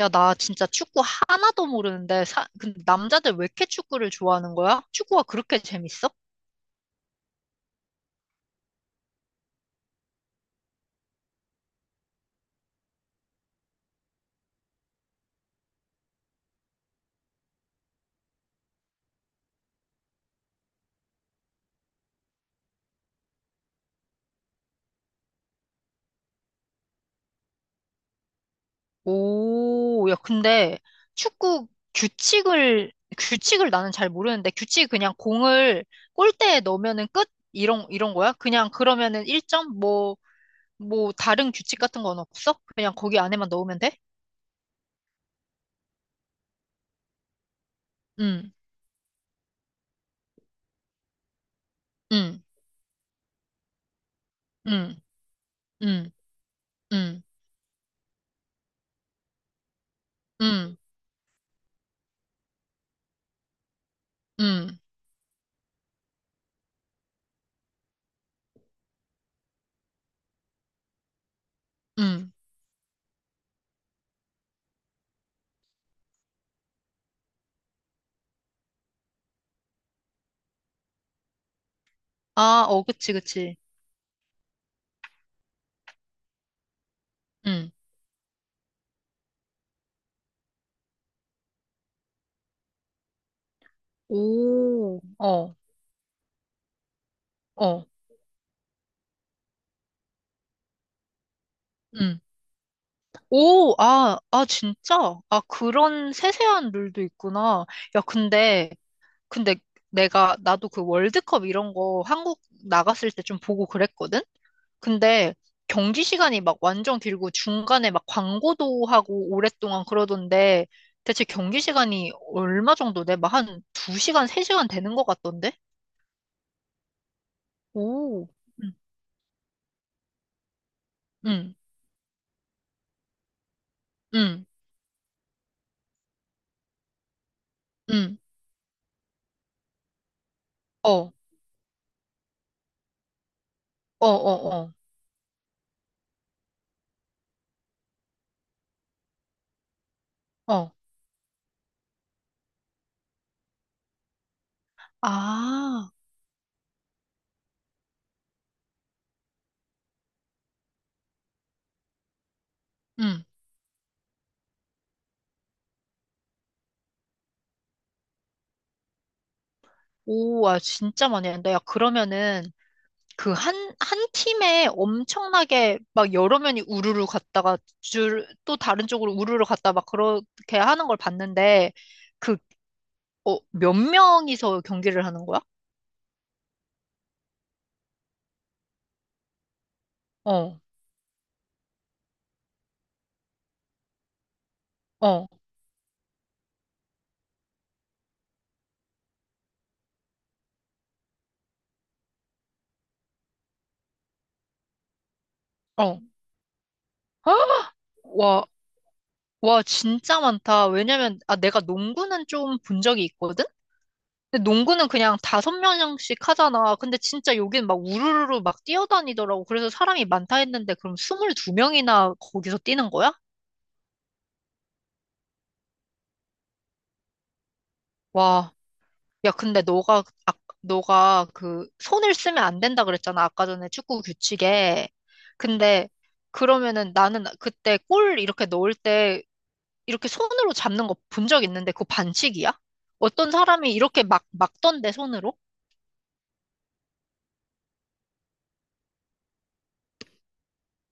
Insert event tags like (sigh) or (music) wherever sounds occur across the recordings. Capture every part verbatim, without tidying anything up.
야, 나 진짜 축구 하나도 모르는데, 사, 근데 남자들 왜 이렇게 축구를 좋아하는 거야? 축구가 그렇게 재밌어? 오, 야, 근데 축구 규칙을, 규칙을 나는 잘 모르는데, 규칙이 그냥 공을 골대에 넣으면은 끝? 이런, 이런 거야? 그냥 그러면은 일 점? 뭐, 뭐, 다른 규칙 같은 건 없어? 그냥 거기 안에만 넣으면 돼? 응, 응, 응, 응, 응, 응, 응, 응. 아, 어, 그치, 그치. 응. 오, 어. 어. 응. 오, 아, 아, 진짜? 아, 그런 세세한 룰도 있구나. 야, 근데, 근데 내가, 나도 그 월드컵 이런 거 한국 나갔을 때 좀 보고 그랬거든? 근데 경기 시간이 막 완전 길고 중간에 막 광고도 하고 오랫동안 그러던데 대체 경기 시간이 얼마 정도 돼? 막 한 두 시간, 세 시간 되는 것 같던데? 오, 응, 응, 응, 응, 어, 어, 어, 어, 어. 아, 오, 와, 진짜 많이 한다. 야, 그러면은 그 한, 한 팀에 엄청나게 막 여러 면이 우르르 갔다가 줄, 또 다른 쪽으로 우르르 갔다 막 그렇게 하는 걸 봤는데 그, 어, 몇 명이서 경기를 하는 거야? 어, 어, 어. (gasps) 와, 와, 진짜 많다. 왜냐면, 아, 내가 농구는 좀 본 적이 있거든? 근데 농구는 그냥 다섯 명씩 하잖아. 근데 진짜 여긴 막 우르르르 막 뛰어다니더라고. 그래서 사람이 많다 했는데 그럼 스물두 명이나 거기서 뛰는 거야? 와. 야, 근데 너가, 아, 너가 그 손을 쓰면 안 된다 그랬잖아. 아까 전에 축구 규칙에. 근데 그러면은 나는 그때 골 이렇게 넣을 때 이렇게 손으로 잡는 거 본 적 있는데 그거 반칙이야? 어떤 사람이 이렇게 막 막던데 손으로?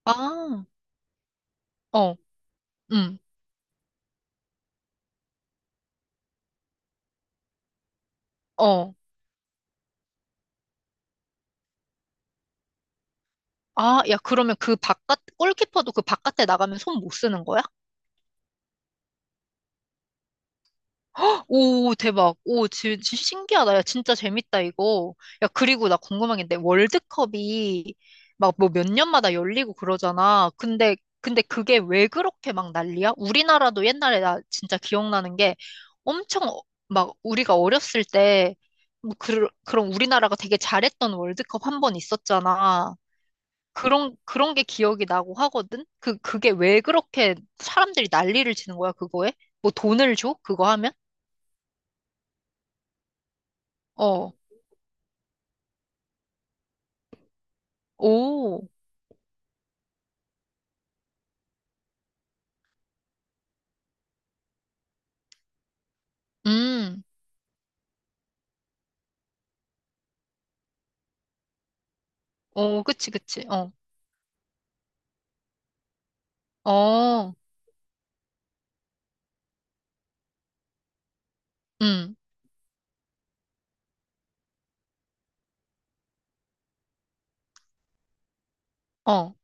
아, 어, 응, 어. 아, 야, 그러면 그 바깥, 골키퍼도 그 바깥에 나가면 손 못 쓰는 거야? 오, 대박. 오, 진, 진 신기하다. 야, 진짜 재밌다, 이거. 야, 그리고 나 궁금한 게 있는데, 월드컵이 막 뭐 몇 년마다 열리고 그러잖아. 근데, 근데 그게 왜 그렇게 막 난리야? 우리나라도 옛날에 나 진짜 기억나는 게 엄청 어- 막 우리가 어렸을 때, 뭐 그, 그런 우리나라가 되게 잘했던 월드컵 한 번 있었잖아. 그런, 그런 게 기억이 나고 하거든? 그, 그게 왜 그렇게 사람들이 난리를 치는 거야, 그거에? 뭐 돈을 줘? 그거 하면? 어, 오, 음, 어, 그치, 그치, 어, 어, 음, 어,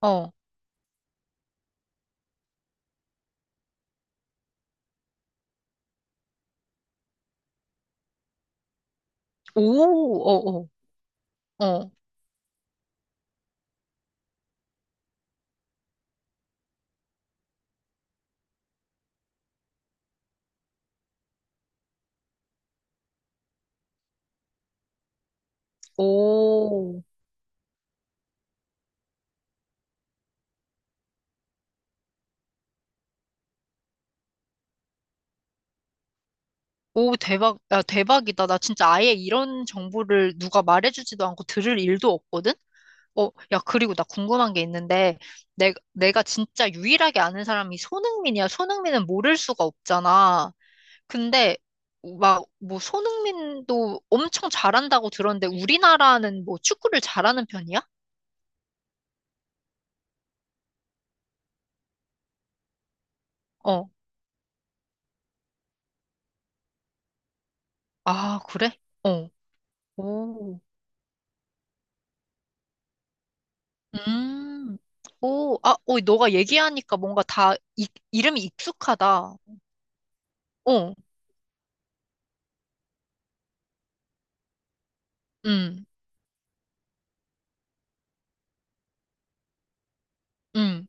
어, 오, 어, 어, 어, 오, 오, 대박, 야, 대박이다. 나 진짜 아예 이런 정보를 누가 말해주지도 않고 들을 일도 없거든? 어, 야, 그리고 나 궁금한 게 있는데, 내, 내가 진짜 유일하게 아는 사람이 손흥민이야. 손흥민은 모를 수가 없잖아. 근데, 막, 뭐, 손흥민도 엄청 잘한다고 들었는데, 우리나라는 뭐, 축구를 잘하는 편이야? 어. 아, 그래? 어. 오. 음. 오, 아, 어, 너가 얘기하니까 뭔가 다, 이, 이름이 익숙하다. 어. 음, 음,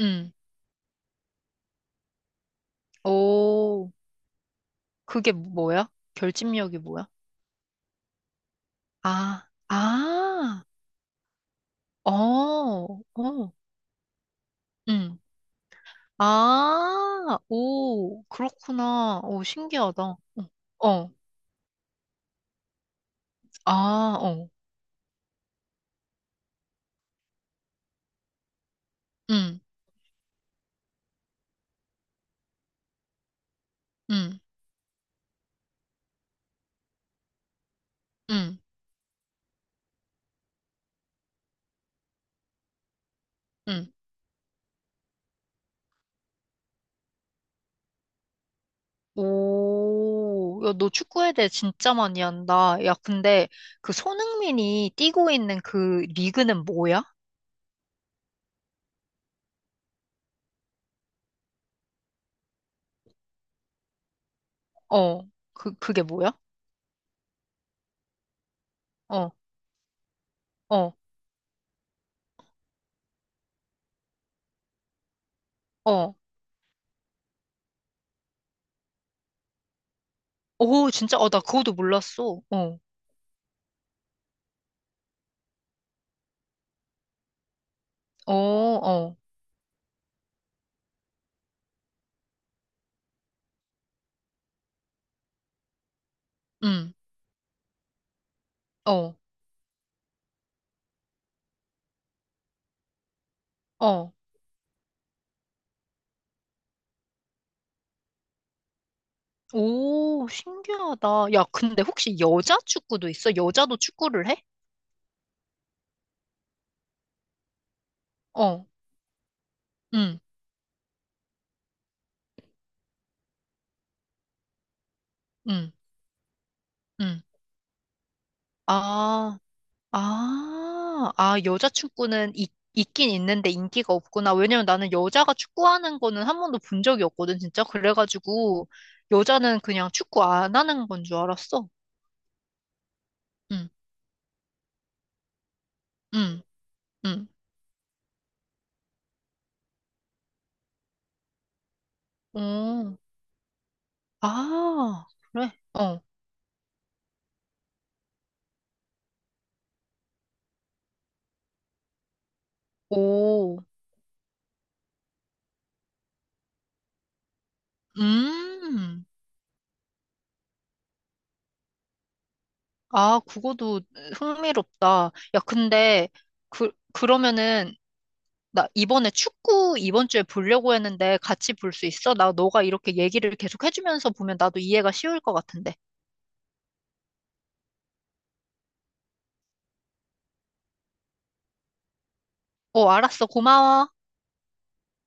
음. 오, 그게 뭐야? 결집력이 뭐야? 아, 아, 어, 어, 응. 아, 오, 그렇구나. 오, 신기하다. 어, 어, 아, 어, 응, 응, 응, 응. 오, 야, 너 축구에 대해 진짜 많이 한다. 야, 근데 그 손흥민이 뛰고 있는 그 리그는 뭐야? 어, 그, 그게 뭐야? 어, 어, 어. 오, 진짜, 어, 나 그것도 몰랐어. 어, 어, 어, 응, 어, 어. 오, 신기하다. 야, 근데 혹시 여자 축구도 있어? 여자도 축구를 해? 어, 응, 응, 응. 아, 아, 아, 여자 축구는 있, 있긴 있는데 인기가 없구나. 왜냐면 나는 여자가 축구하는 거는 한 번도 본 적이 없거든, 진짜. 그래가지고, 여자는 그냥 축구 안 하는 건 줄 알았어. 응, 응, 응. 오, 아, 그래? 어, 오, 음. 아, 그거도 흥미롭다. 야, 근데, 그, 그러면은, 나 이번에 축구 이번 주에 보려고 했는데 같이 볼 수 있어? 나 너가 이렇게 얘기를 계속 해주면서 보면 나도 이해가 쉬울 것 같은데. 어, 알았어. 고마워.